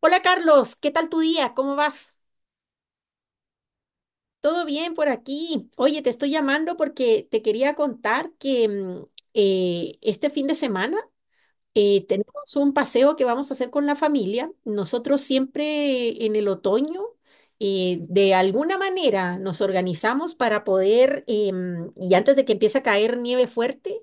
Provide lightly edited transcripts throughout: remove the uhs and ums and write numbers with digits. Hola Carlos, ¿qué tal tu día? ¿Cómo vas? ¿Todo bien por aquí? Oye, te estoy llamando porque te quería contar que este fin de semana tenemos un paseo que vamos a hacer con la familia. Nosotros siempre en el otoño, de alguna manera, nos organizamos para poder, y antes de que empiece a caer nieve fuerte,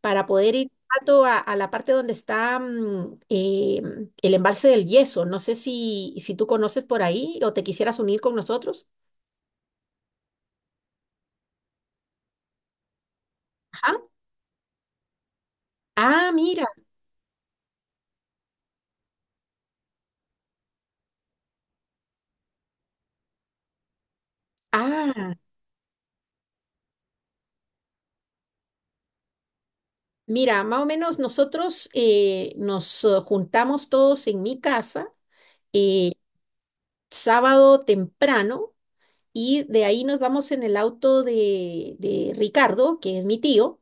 para poder ir un rato a la parte donde está el embalse del Yeso. No sé si tú conoces por ahí o te quisieras unir con nosotros. Ajá. Ah, mira. Ah, mira, más o menos nosotros nos juntamos todos en mi casa. eh, Sábado temprano y de ahí nos vamos en el auto de Ricardo, que es mi tío,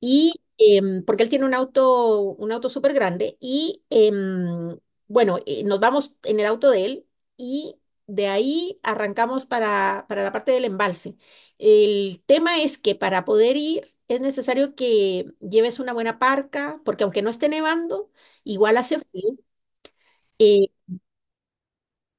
y porque él tiene un auto súper grande y bueno, nos vamos en el auto de él y de ahí arrancamos para la parte del embalse. El tema es que para poder ir es necesario que lleves una buena parca, porque aunque no esté nevando, igual hace frío.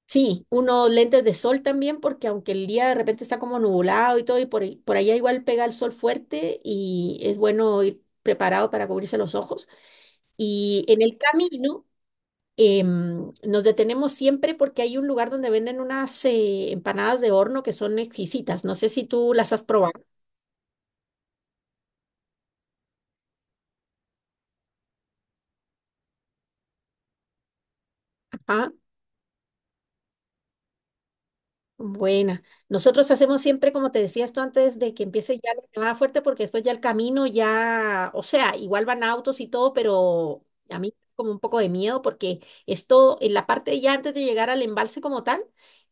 Sí, unos lentes de sol también, porque aunque el día de repente está como nublado y todo, y por allá igual pega el sol fuerte y es bueno ir preparado para cubrirse los ojos. Y en el camino nos detenemos siempre porque hay un lugar donde venden unas empanadas de horno que son exquisitas. No sé si tú las has probado. Ajá. Buena. Nosotros hacemos siempre, como te decía esto antes, de que empiece ya la nevada fuerte, porque después ya el camino ya, o sea, igual van autos y todo, pero a mí como un poco de miedo, porque esto, en la parte ya antes de llegar al embalse como tal,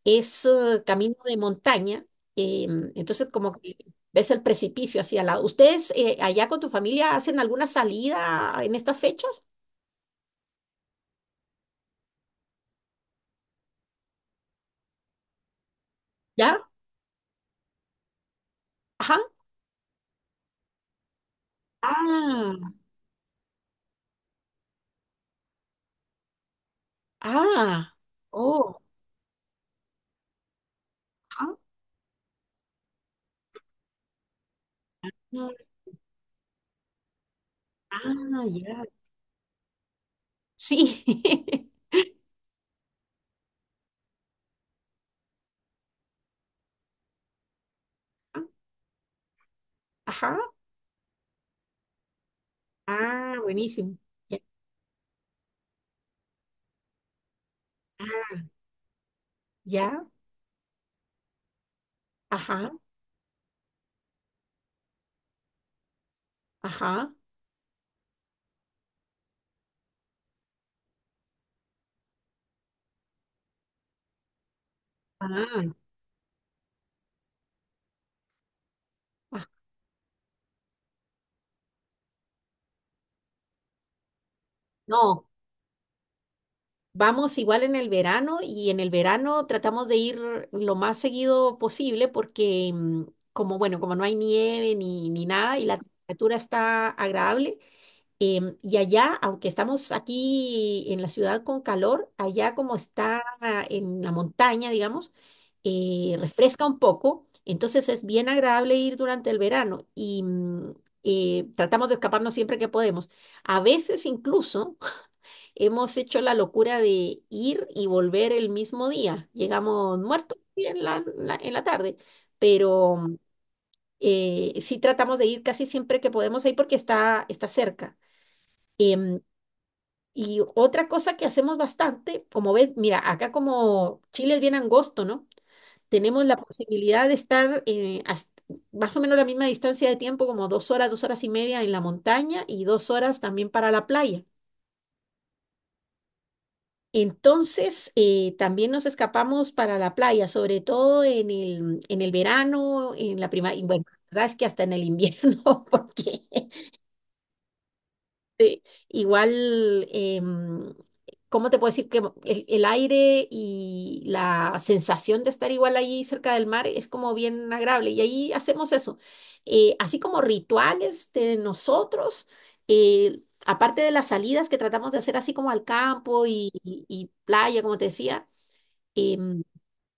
es camino de montaña. Em, entonces, como que ves el precipicio hacia al lado. ¿Ustedes allá con tu familia hacen alguna salida en estas fechas? ¿Ya? Ajá. Ah, ah, oh, ajá. Ah, ya. Sí. Ajá. Ah, buenísimo. Ya. Ah, ya. Ajá. Ajá. Ah, ah. No, vamos igual en el verano y en el verano tratamos de ir lo más seguido posible porque bueno, como no hay nieve ni nada y la temperatura está agradable. Y allá, aunque estamos aquí en la ciudad con calor, allá como está en la montaña, digamos, refresca un poco, entonces es bien agradable ir durante el verano y tratamos de escaparnos siempre que podemos. A veces incluso hemos hecho la locura de ir y volver el mismo día. Llegamos muertos en en la tarde, pero sí tratamos de ir casi siempre que podemos ahí porque está cerca. Em, y otra cosa que hacemos bastante, como ves, mira, acá como Chile es bien angosto, ¿no? Tenemos la posibilidad de estar más o menos la misma distancia de tiempo, como 2 horas, 2 horas y media en la montaña y 2 horas también para la playa. Entonces, también nos escapamos para la playa, sobre todo en el verano, en la primavera, y bueno, la verdad es que hasta en el invierno, porque. Sí, igual, ¿cómo te puedo decir que el aire y la sensación de estar igual ahí cerca del mar es como bien agradable? Y ahí hacemos eso. Así como rituales de nosotros, aparte de las salidas que tratamos de hacer así como al campo y playa, como te decía, em,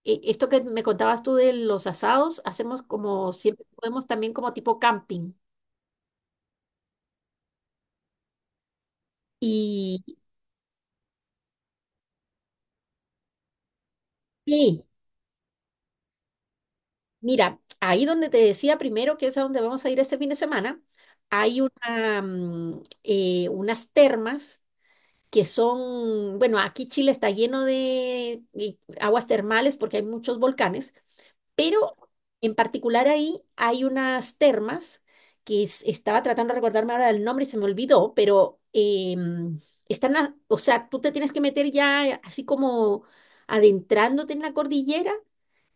esto que me contabas tú de los asados, hacemos como siempre podemos también como tipo camping. Y sí, mira, ahí donde te decía primero que es a donde vamos a ir este fin de semana, hay unas termas que son, bueno, aquí Chile está lleno de aguas termales porque hay muchos volcanes, pero en particular ahí hay unas termas estaba tratando de recordarme ahora del nombre y se me olvidó, pero están, o sea, tú te tienes que meter ya así como adentrándote en la cordillera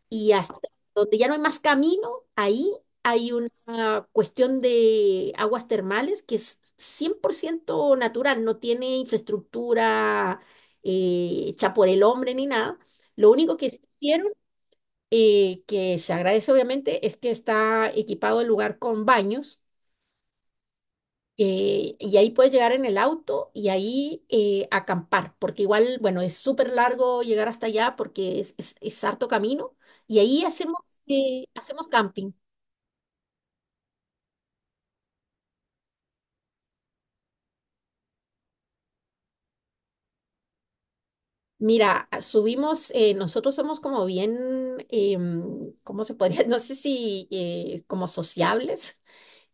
y hasta donde ya no hay más camino, ahí hay una cuestión de aguas termales que es 100% natural, no tiene infraestructura hecha por el hombre ni nada. Lo único que hicieron, que se agradece obviamente, es que está equipado el lugar con baños y ahí puedes llegar en el auto y ahí acampar, porque igual, bueno, es súper largo llegar hasta allá porque es harto camino. Y ahí hacemos camping. Mira, subimos, nosotros somos como bien, ¿cómo se podría? No sé si como sociables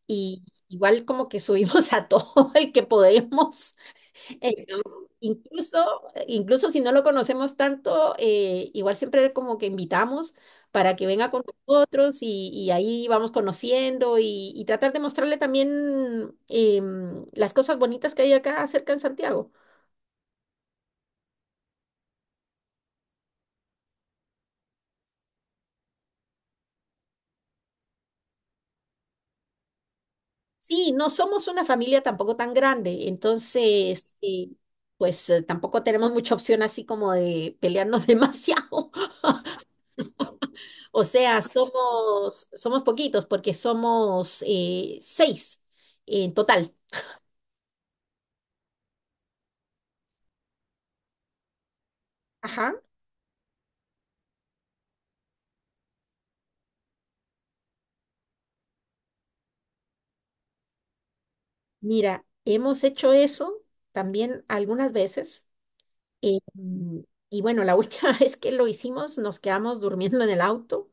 y igual como que subimos a todo el que podemos. Eh, incluso, incluso si no lo conocemos tanto, igual siempre como que invitamos para que venga con nosotros y ahí vamos conociendo y tratar de mostrarle también las cosas bonitas que hay acá cerca en Santiago. Sí, no somos una familia tampoco tan grande, entonces, pues tampoco tenemos mucha opción así como de pelearnos demasiado. O sea, somos poquitos porque somos seis en total. Ajá. Mira, hemos hecho eso también algunas veces. eh, mm, y bueno, la última vez que lo hicimos nos quedamos durmiendo en el auto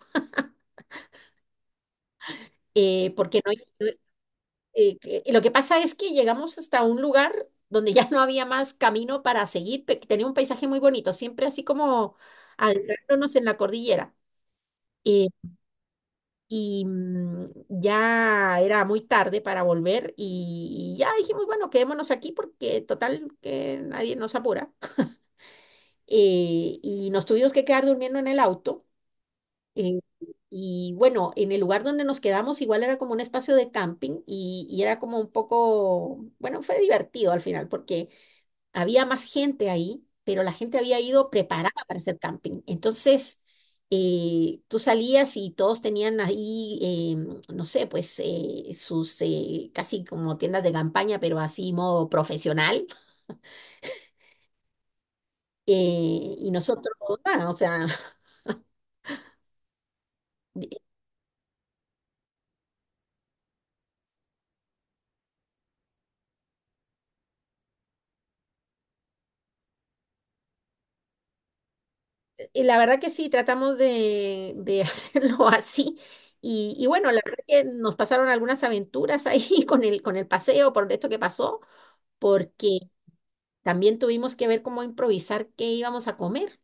porque no- lo que pasa es que llegamos hasta un lugar donde ya no había más camino para seguir, tenía un paisaje muy bonito, siempre así como adentrándonos en la cordillera. eh, y ya era muy tarde para volver y ya dijimos, bueno, quedémonos aquí porque total que nadie nos apura. Y nos tuvimos que quedar durmiendo en el auto. eh, y bueno, en el lugar donde nos quedamos igual era como un espacio de camping y era como un poco, bueno, fue divertido al final porque había más gente ahí, pero la gente había ido preparada para hacer camping. Entonces, tú salías y todos tenían ahí, no sé, pues sus casi como tiendas de campaña, pero así modo profesional. Y nosotros, nada, o sea... Y la verdad que sí, tratamos de hacerlo así. Y y bueno, la verdad que nos pasaron algunas aventuras ahí con con el paseo por esto que pasó, porque también tuvimos que ver cómo improvisar qué íbamos a comer.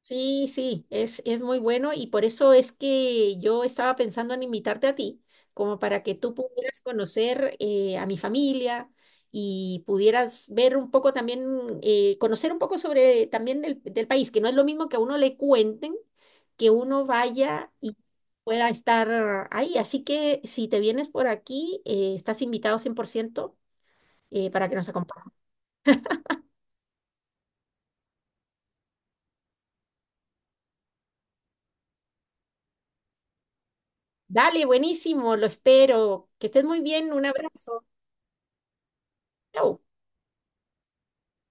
Sí, sí, es muy bueno y por eso es que yo estaba pensando en invitarte a ti, como para que tú pudieras conocer a mi familia y pudieras ver un poco también, conocer un poco sobre también del país, que no es lo mismo que a uno le cuenten, que uno vaya y pueda estar ahí. Así que si te vienes por aquí, estás invitado 100% para que nos acompañes. Dale, buenísimo, lo espero. Que estés muy bien, un abrazo. Chao.